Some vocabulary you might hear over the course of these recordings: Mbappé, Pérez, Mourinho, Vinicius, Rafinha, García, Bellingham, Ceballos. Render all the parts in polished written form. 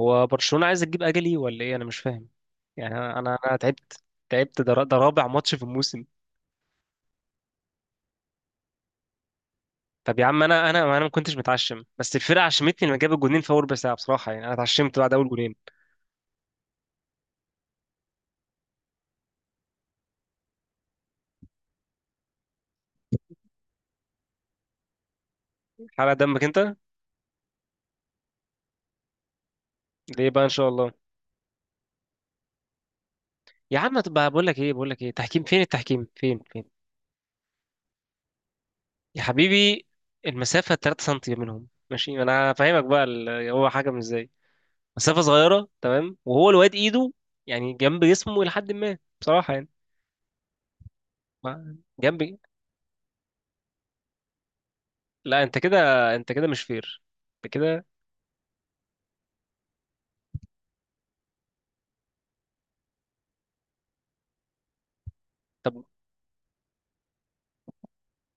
هو برشلونة عايز تجيب اجلي ولا ايه؟ انا مش فاهم. يعني انا انا أنا تعبت. تعبت، ده رابع ماتش في الموسم. طب يا عم انا ما كنتش متعشم، بس الفرقه عشمتني لما جاب الجونين في اول ربع ساعه، بصراحه يعني انا اتعشمت بعد اول جونين. حرق دمك انت. ليه بقى؟ ان شاء الله. يا عم بقى بقول لك ايه، بقول لك ايه تحكيم؟ فين التحكيم؟ فين فين؟ يا حبيبي المسافه 3 سم منهم، ماشي؟ انا فاهمك بقى، هو حكم ازاي؟ مسافه صغيره، تمام، وهو الواد ايده يعني جنب جسمه الى حد ما، بصراحه يعني، جنب. لا، انت كده، انت كده مش فير، انت كده. طب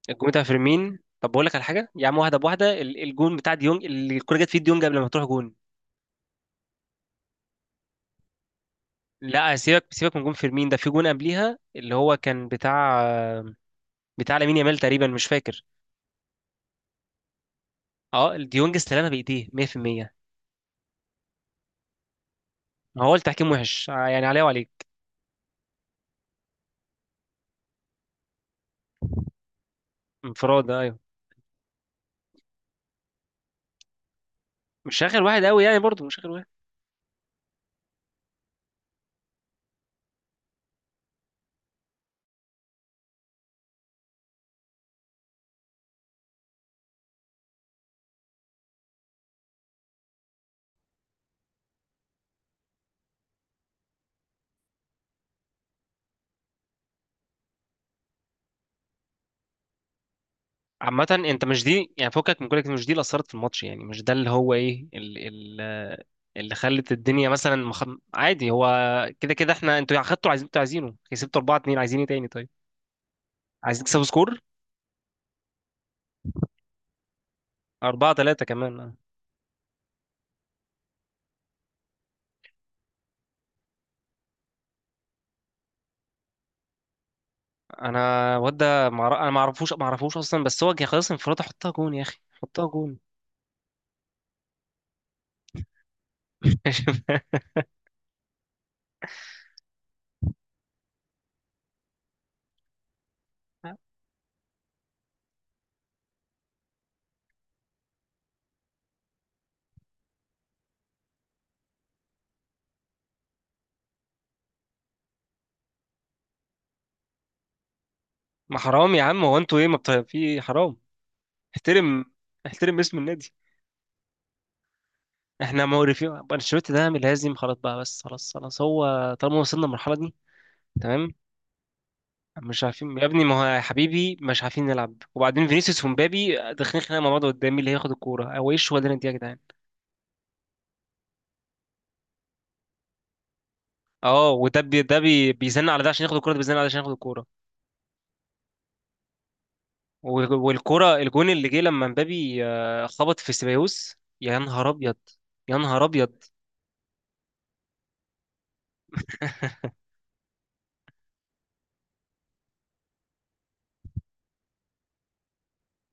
الجون بتاع فيرمين، طب بقول لك على حاجه يا عم، واحده بواحده، الجون بتاع ديونج اللي الكوره جت في ديونج قبل ما تروح جون. لا، سيبك سيبك من جون فيرمين ده، في جون قبليها اللي هو كان بتاع لامين يامال تقريبا، مش فاكر. اه، ديونج استلمها بايديه 100%. ما هو التحكيم وحش يعني عليه وعليك. انفراد. آه، ايوه. مش اخر واحد قوي يعني، برضه مش اخر واحد. عامة انت مش دي يعني، فكك من كل مش دي اللي اثرت في الماتش، يعني مش ده اللي هو ايه اللي خلت الدنيا مثلا عادي هو، كده كده. احنا انتوا اخدتوا، عايزين، انتوا عايزينه، كسبتوا 4-2، عايزين ايه تاني؟ طيب عايزين تكسبوا سكور 4-3 كمان؟ انا الواد ده انا ما اعرفوش اصلا، بس هو جه خلاص، انفراد، حطها جون يا اخي، حطها جون. ما حرام يا عم، هو انتوا ايه؟ ما بت... في حرام. احترم، احترم اسم النادي. احنا معرفين انشيلوتي ده من لازم، خلاص بقى، بس خلاص خلاص هو طالما وصلنا المرحله دي. تمام. مش عارفين يا ابني، ما هو يا حبيبي مش عارفين نلعب، وبعدين فينيسيوس ومبابي داخلين خناقه مع بعض قدامي، اللي هياخد الكوره، هو ايه الشغل ده انت يا جدعان؟ اه، وده بي ده بي بيزن على ده عشان ياخد الكوره، ده بيزن على ده عشان ياخد الكوره. و- والكوره الجون اللي جه لما مبابي خبط في سيبايوس، يا نهار ابيض. يا نهار ابيض.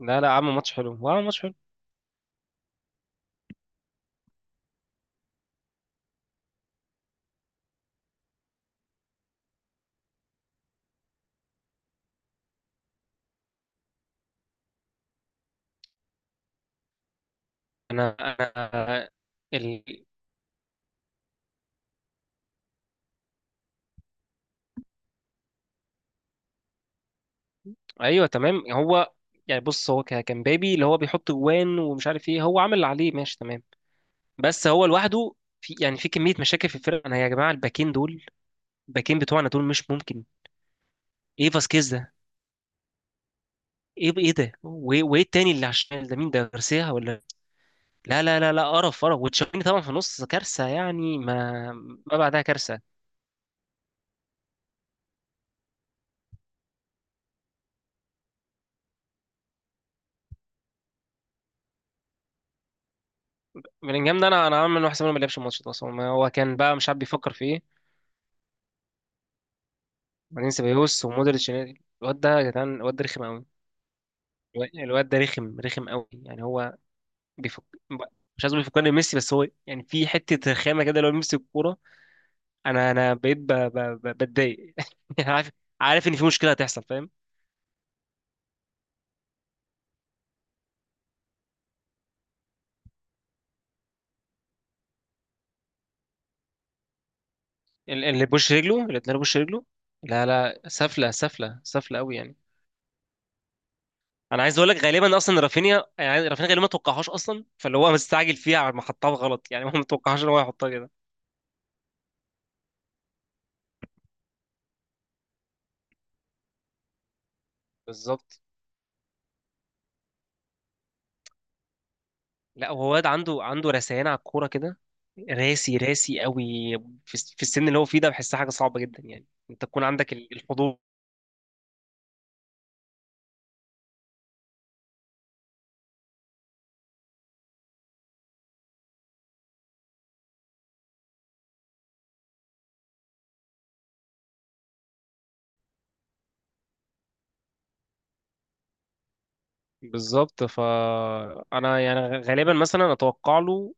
لا لا، عمل ماتش حلو، هو عمل ماتش حلو. انا ال... ايوه، تمام، هو، يعني بص هو كان بابي اللي هو بيحط جوان ومش عارف ايه، هو عمل اللي عليه، ماشي تمام. بس هو لوحده في كميه مشاكل في الفرقه. انا يا جماعه الباكين دول، الباكين بتوعنا دول مش ممكن. ايه فاسكيز ده؟ ايه ده وإيه التاني اللي على الشمال ده، مين ده، غارسيا ولا؟ لا لا لا لا، قرف قرف، وتشاوميني طبعا في النص كارثه يعني، ما بعدها كارثه. بلينجهام ده انا عامل واحد ما لعبش الماتش ده اصلا، ما هو كان بقى مش عارف بيفكر في ايه. بعدين سيبايوس ومودريتش، الواد ده يا جدعان، الواد ده رخم قوي، الواد ده رخم رخم قوي يعني. هو بيفك، مش عايز اقول بيفكرني بميسي، بس هو يعني في حته رخامه كده، لو ميسي الكوره انا بقيت بتضايق. عارف. عارف ان في مشكله هتحصل، فاهم. اللي بوش رجله، اللي اتنين بوش رجله. لا لا، سفله سفله سفله قوي يعني. انا عايز اقول لك غالبا اصلا رافينيا، يعني رافينيا غالبا ما توقعهاش اصلا، فاللي هو مستعجل فيها على ما حطها غلط، يعني هو ما توقعهاش ان هو يحطها كده. بالظبط. لا هو واد عنده رثيان على الكوره كده، راسي راسي قوي. في السن اللي هو فيه ده بحسها حاجه صعبه جدا يعني، انت تكون عندك الحضور. بالظبط، فانا يعني غالبا مثلا اتوقع له،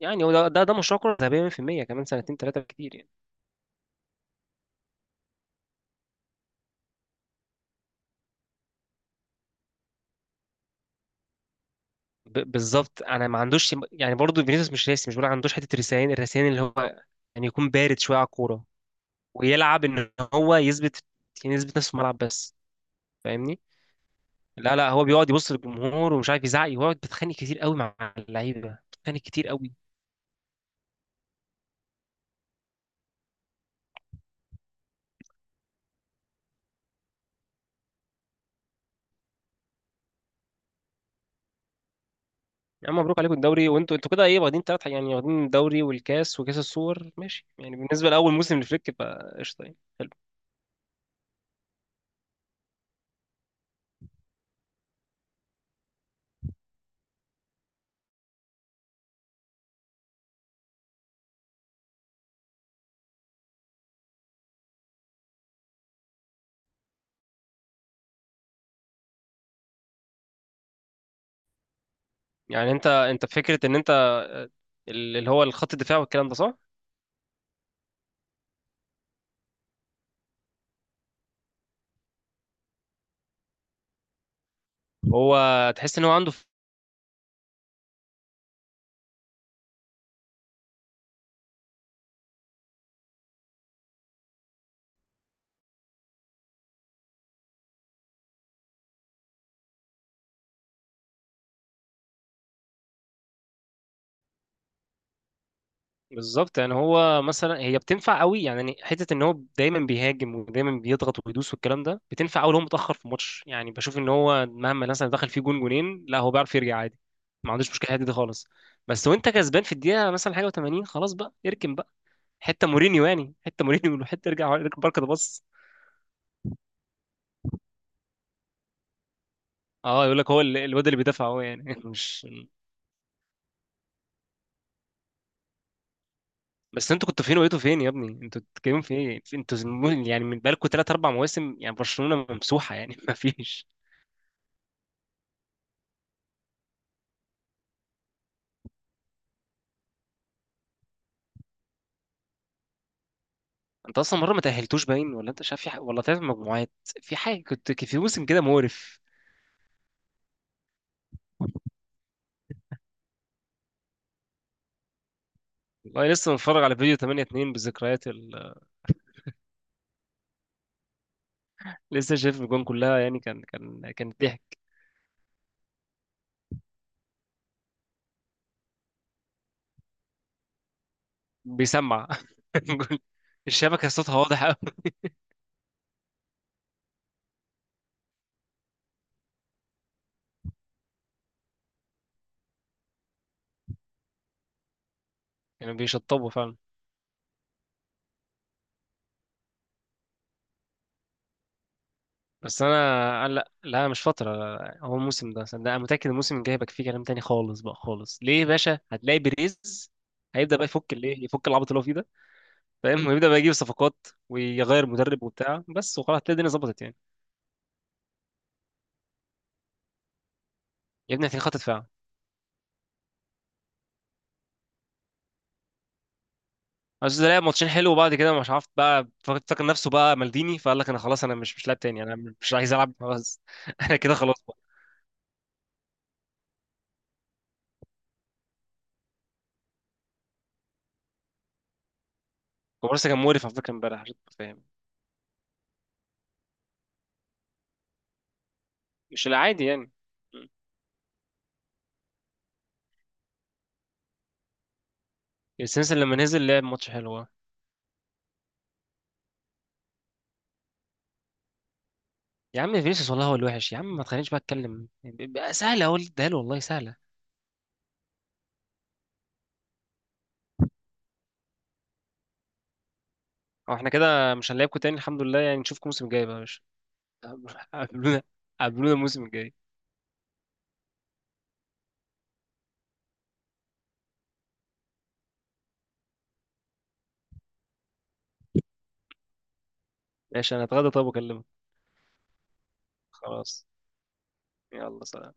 يعني هو ده مشروع كرة ذهبية 100%، كمان سنتين ثلاثة كتير يعني. بالظبط، انا ما عندوش يعني، برضه فينيسيوس مش راسي، مش بقول عندوش حتة الرسيان، الرسيان اللي هو يعني يكون بارد شوية على الكورة، ويلعب ان هو يثبت، يعني يثبت نفسه في الملعب بس. فاهمني. لا لا، هو بيقعد يبص للجمهور ومش عارف يزعق، يقعد بيتخانق كتير قوي مع اللعيبة، بيتخانق كتير قوي. يا عم مبروك عليكم الدوري، وانتوا كده ايه؟ واخدين ثلاث يعني، واخدين الدوري والكاس وكاس السوبر، ماشي يعني، بالنسبة لأول موسم لفليك بقى قشطة يعني. يعني انت فكره ان انت اللي هو الخط الدفاع والكلام ده، صح؟ هو تحس ان هو عنده بالظبط، يعني هو مثلا هي بتنفع قوي يعني، حته ان هو دايما بيهاجم ودايما بيضغط وبيدوس والكلام ده، بتنفع قوي لو هو متاخر في ماتش، يعني بشوف ان هو مهما مثلا دخل فيه جون جونين، لا هو بيعرف يرجع عادي. ما عندوش مشكله في الحتة دي خالص. بس وانت كسبان في الدقيقه مثلا حاجه و80، خلاص بقى اركن بقى. حته مورينيو، يعني حته مورينيو حته ارجع اركن بركه، ده بص. اه، يقول لك هو الواد اللي بيدافع هو يعني مش. بس انتوا كنتوا فين، وقيتوا فين يا ابني، انتوا بتتكلموا في ايه؟ انتوا يعني من بقالكم ثلاث اربع مواسم يعني برشلونة ممسوحة يعني ما فيش. انت اصلا مره ما تاهلتوش باين، ولا انت مش عارف في حاجة، ولا طلعت مجموعات. في حاجه كنت في موسم كده مقرف. والله لسه متفرج على فيديو 8-2 بالذكريات لسه شايف الجون كلها يعني، كان ضحك. بيسمع الجون. الشبكه صوتها واضح قوي. يعني بيشطبوا فعلا. بس انا لا لا، مش فتره. هو الموسم ده، صدق انا متاكد الموسم الجاي هيبقى فيه كلام تاني خالص بقى خالص، ليه يا باشا؟ هتلاقي بيريز هيبدا بقى يفك الايه، يفك العبط اللي هو فيه ده، فاهم، ويبدا بقى يجيب صفقات ويغير مدرب وبتاع، بس وخلاص هتلاقي الدنيا ظبطت يعني. يا ابني هتلاقي خط دفاع. بس ده لعب ماتشين حلو، وبعد كده مش عارف بقى، فاكر فاكر نفسه بقى مالديني، فقال لك انا خلاص، انا مش لاعب تاني، انا مش عايز العب خلاص انا كده خلاص بقى. كوبارسي كان مقرف على فكره امبارح، عشان تبقى فاهم. مش العادي يعني. السنس لما نزل لعب ماتش حلو. يا عم فينيسيوس والله هو الوحش، يا عم ما تخلينيش بقى اتكلم بقى، سهله اقول ده له والله، سهله. هو احنا كده مش هنلاعبكم تاني، الحمد لله، يعني نشوفكم الموسم الجاي بقى يا باشا. قابلونا. قابلونا الموسم الجاي. ماشي، انا هتغدى، طب واكلمك. خلاص، يلا سلام.